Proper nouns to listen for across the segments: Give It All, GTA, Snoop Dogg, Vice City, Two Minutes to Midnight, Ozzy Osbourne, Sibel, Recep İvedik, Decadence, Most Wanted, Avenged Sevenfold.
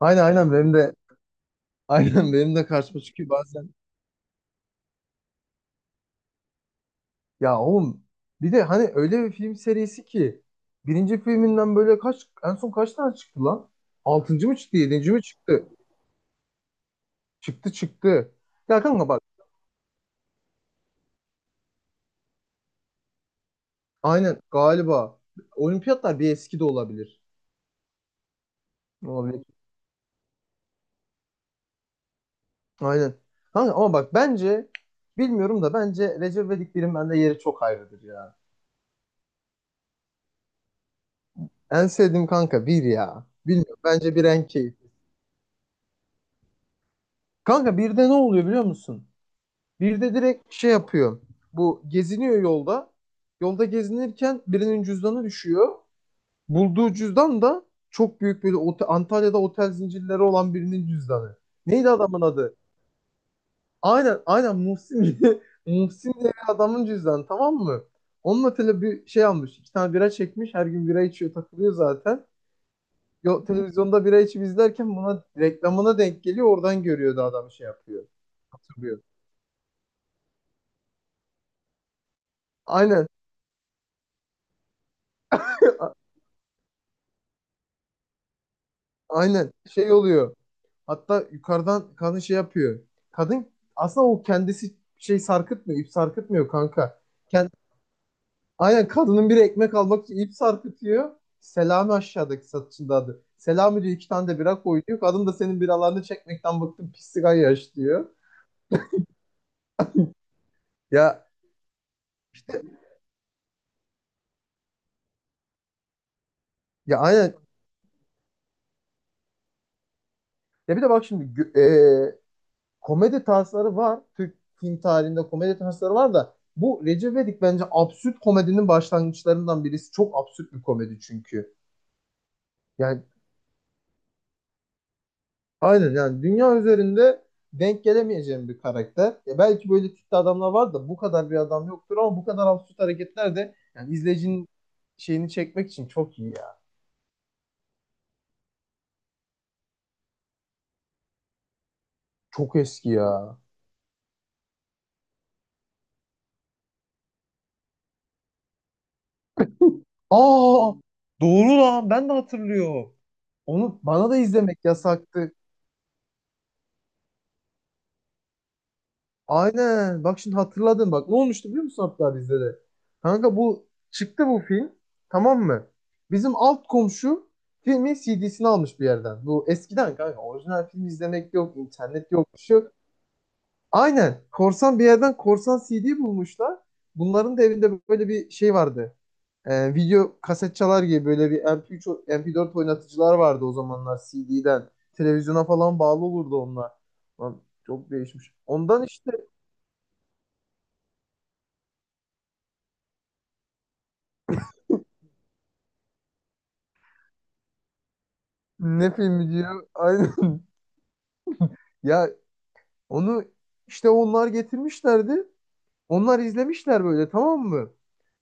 Aynen benim de aynen benim de karşıma çıkıyor bazen. Ya oğlum, bir de hani öyle bir film serisi ki birinci filminden böyle kaç, en son kaç tane çıktı lan? Altıncı mı çıktı? Yedinci mi çıktı? Çıktı çıktı. Ya kanka bak, aynen galiba, olimpiyatlar bir eski de olabilir. Olabilir. Aynen. Kanka ama bak, bence, bilmiyorum da, bence Recep İvedik birin bende yeri çok ayrıdır ya. En sevdiğim kanka bir ya. Bilmiyorum, bence bir en keyifli. Kanka birde ne oluyor biliyor musun? Bir de direkt şey yapıyor. Bu geziniyor yolda. Yolda gezinirken birinin cüzdanı düşüyor. Bulduğu cüzdan da çok büyük, böyle Antalya'da otel zincirleri olan birinin cüzdanı. Neydi adamın adı? Aynen Muhsin diye, Muhsin diye bir adamın cüzdanı, tamam mı? Onunla tele bir şey almış. İki tane bira çekmiş. Her gün bira içiyor, takılıyor zaten. Yo, televizyonda bira içip izlerken buna reklamına denk geliyor. Oradan görüyordu, adam şey yapıyor. Hatırlıyor. Aynen aynen şey oluyor. Hatta yukarıdan kadın şey yapıyor. Kadın aslında o kendisi şey sarkıtmıyor, ip sarkıtmıyor kanka. Kend Aynen, kadının biri ekmek almak için ip sarkıtıyor. Selami aşağıdaki satışında adı. Selami diyor, iki tane de bira koy diyor. Kadın da senin biralarını çekmekten bıktım pislik yaş diyor. Ya ya aynen. Ya bir de bak şimdi e, komedi tarzları var. Türk film tarihinde komedi tarzları var da bu Recep İvedik bence absürt komedinin başlangıçlarından birisi. Çok absürt bir komedi çünkü. Yani Aynen, yani dünya üzerinde denk gelemeyeceğim bir karakter. Ya belki böyle tipte adamlar var da bu kadar bir adam yoktur, ama bu kadar absürt hareketler de yani izleyicinin şeyini çekmek için çok iyi ya. Çok eski ya. Aa, doğru lan, ben de hatırlıyorum. Onu bana da izlemek yasaktı. Aynen. Bak şimdi hatırladım. Bak ne olmuştu biliyor musun hatta bizde de? Kanka bu çıktı, bu film. Tamam mı? Bizim alt komşu filmin CD'sini almış bir yerden. Bu eskiden kanka, orijinal film izlemek yok, internet yok, bir şey yok. Aynen. Korsan bir yerden korsan CD bulmuşlar. Bunların da evinde böyle bir şey vardı. Video kaset çalar gibi böyle bir MP3, MP4 oynatıcılar vardı o zamanlar CD'den. Televizyona falan bağlı olurdu onlar. Lan çok değişmiş. Ondan işte. Ne filmi diyor? Aynen. Ya onu işte onlar getirmişlerdi. Onlar izlemişler böyle, tamam mı?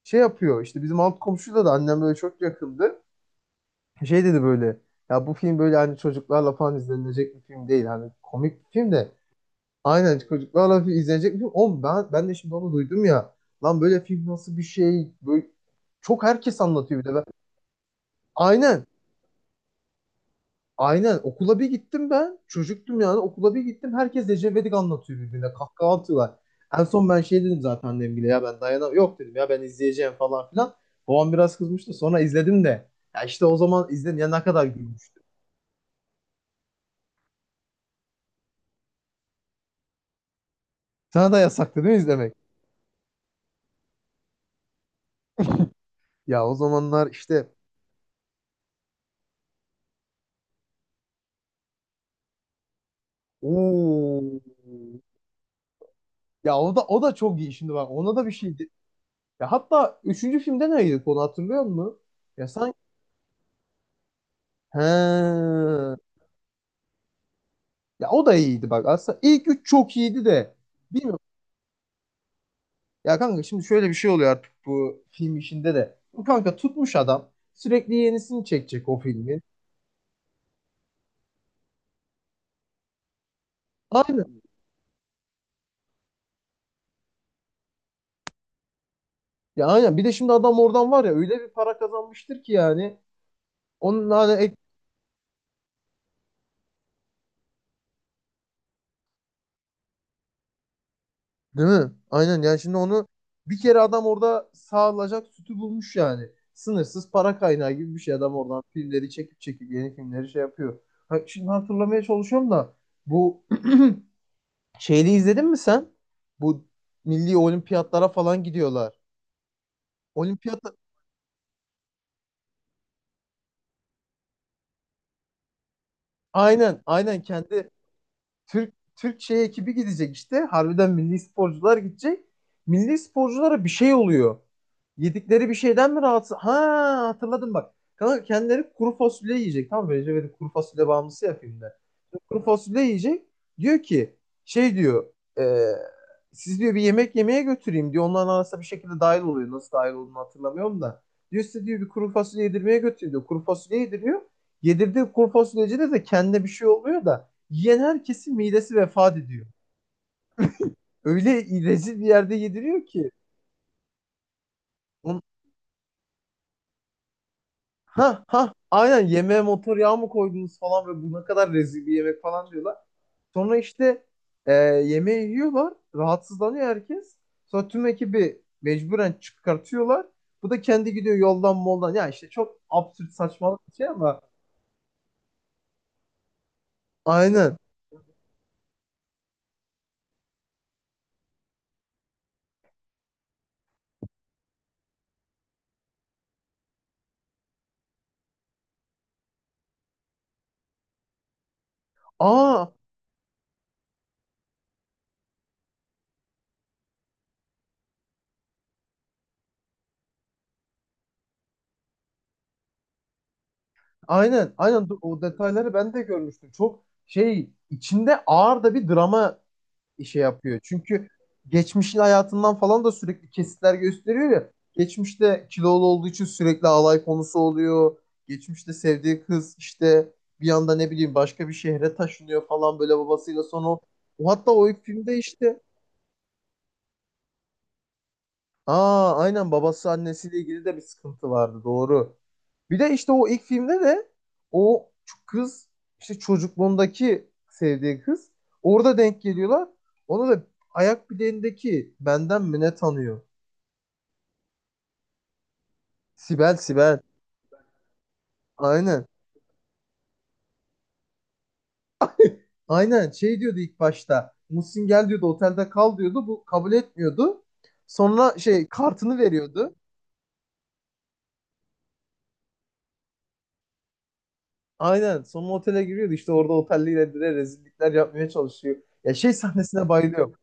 Şey yapıyor, işte bizim alt komşuyla da annem böyle çok yakındı. Şey dedi böyle, ya bu film böyle hani çocuklarla falan izlenilecek bir film değil. Hani komik bir film de aynen çocuklarla izlenecek bir film. Oğlum ben, ben de şimdi onu duydum ya. Lan böyle film nasıl bir şey? Böyle çok herkes anlatıyor bir de. Ben. Aynen. Aynen okula bir gittim ben. Çocuktum yani, okula bir gittim. Herkes Ecevit'i anlatıyor birbirine. Kahkaha atıyorlar. En son ben şey dedim zaten annemgile, ya ben dayanamam. Yok dedim, ya ben izleyeceğim falan filan. Babam biraz kızmıştı. Sonra izledim de. Ya işte o zaman izledim ya, ne kadar gülmüştüm. Sana da yasaktı değil mi izlemek? Ya o zamanlar işte, ooo. Ya o da, o da çok iyi, şimdi bak ona da bir şey. Ya hatta üçüncü filmde neydi konu, hatırlıyor musun? Ya sanki, he. Ya o da iyiydi bak. Aslında ilk üç çok iyiydi de. Bilmiyorum. Ya kanka şimdi şöyle bir şey oluyor artık bu film işinde de. Bu kanka tutmuş adam. Sürekli yenisini çekecek o filmin. Aynen. Ya aynen. Bir de şimdi adam oradan var ya, öyle bir para kazanmıştır ki yani. Onun hani ek... Değil mi? Aynen yani, şimdi onu bir kere adam orada sağlayacak sütü bulmuş yani. Sınırsız para kaynağı gibi bir şey, adam oradan filmleri çekip çekip yeni filmleri şey yapıyor. Ha, şimdi hatırlamaya çalışıyorum da, bu Şeyli izledin mi sen? Bu milli olimpiyatlara falan gidiyorlar. Olimpiyat, aynen kendi Türk şey ekibi gidecek işte. Harbiden milli sporcular gidecek. Milli sporculara bir şey oluyor. Yedikleri bir şeyden mi rahatsız? Ha, hatırladım bak. Kanka kendileri kuru fasulye yiyecek. Tamam mı? Recep İvedik kuru fasulye bağımlısı ya filmde. Kuru fasulye yiyecek. Diyor ki şey diyor. e, Siz diyor bir yemek yemeye götüreyim diyor. Onların arasında bir şekilde dahil oluyor. Nasıl dahil olduğunu hatırlamıyorum da. Diyor, size diyor bir kuru fasulye yedirmeye götürüyor diyor. Kuru fasulye yediriyor. Yedirdiği kuru fasulyecide de kendine bir şey oluyor da. Yiyen herkesin midesi vefat ediyor. Öyle rezil bir yerde yediriyor ki. On- Ha ha, aynen, yemeğe motor yağı mı koydunuz falan ve bu ne kadar rezil bir yemek falan diyorlar. Sonra işte, yemeği yiyorlar. Rahatsızlanıyor herkes. Sonra tüm ekibi mecburen çıkartıyorlar. Bu da kendi gidiyor yoldan moldan. Ya işte çok absürt saçmalık bir şey ama aynen. Aa, aynen dur, o detayları ben de görmüştüm. Çok şey içinde ağır da bir drama şey yapıyor. Çünkü geçmişin hayatından falan da sürekli kesitler gösteriyor ya. Geçmişte kilolu olduğu için sürekli alay konusu oluyor. Geçmişte sevdiği kız işte bir anda ne bileyim başka bir şehre taşınıyor falan böyle babasıyla sonra. O- o Hatta o ilk filmde işte, aa aynen, babası annesiyle ilgili de bir sıkıntı vardı, doğru. Bir de işte o ilk filmde de o kız, işte çocukluğundaki sevdiği kız orada denk geliyorlar. Ona da ayak bileğindeki benden mi ne tanıyor? Sibel. Aynen. Aynen şey diyordu ilk başta. Muhsin gel diyordu, otelde kal diyordu. Bu kabul etmiyordu. Sonra şey kartını veriyordu. Aynen. Sonra otele giriyordu. İşte orada otelliyle de rezillikler yapmaya çalışıyor. Ya şey sahnesine bayılıyorum.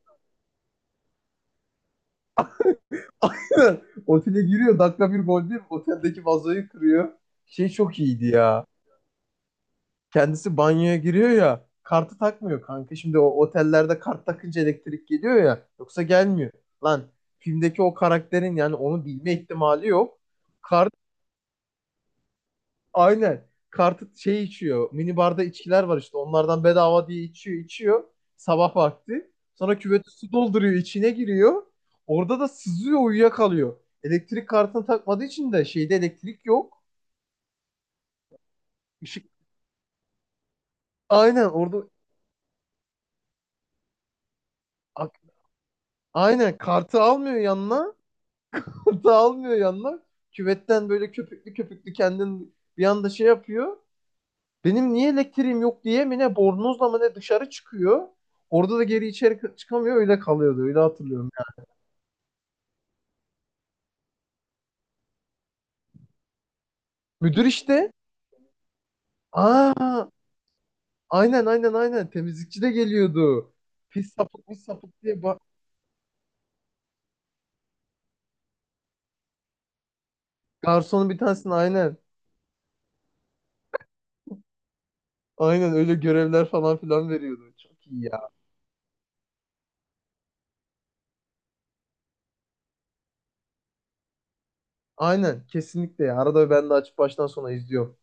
Aynen. Otele giriyor, dakika bir gol değil, oteldeki vazoyu kırıyor. Şey çok iyiydi ya. Kendisi banyoya giriyor ya. Kartı takmıyor kanka. Şimdi o otellerde kart takınca elektrik geliyor ya. Yoksa gelmiyor. Lan filmdeki o karakterin yani onu bilme ihtimali yok. kart Aynen. Kartı şey içiyor. Mini barda içkiler var işte. Onlardan bedava diye içiyor, içiyor. Sabah vakti. Sonra küveti su dolduruyor, içine giriyor. Orada da sızıyor, uyuyakalıyor. Elektrik kartını takmadığı için de şeyde elektrik yok. Işık. Aynen orada ak- aynen kartı almıyor yanına. Kartı almıyor yanına. Küvetten böyle köpüklü köpüklü kendin bir anda şey yapıyor. Benim niye elektriğim yok diye mi ne, bornozla mı ne dışarı çıkıyor. Orada da geri içeri çıkamıyor, öyle kalıyordu, öyle hatırlıyorum. Müdür işte. Aa, aynen. Temizlikçi de geliyordu. Pis sapık, pis sapık diye bak. Garsonun bir tanesini aynen. Aynen öyle görevler falan filan veriyordu. Çok iyi ya. Aynen kesinlikle ya. Arada ben de açıp baştan sona izliyorum.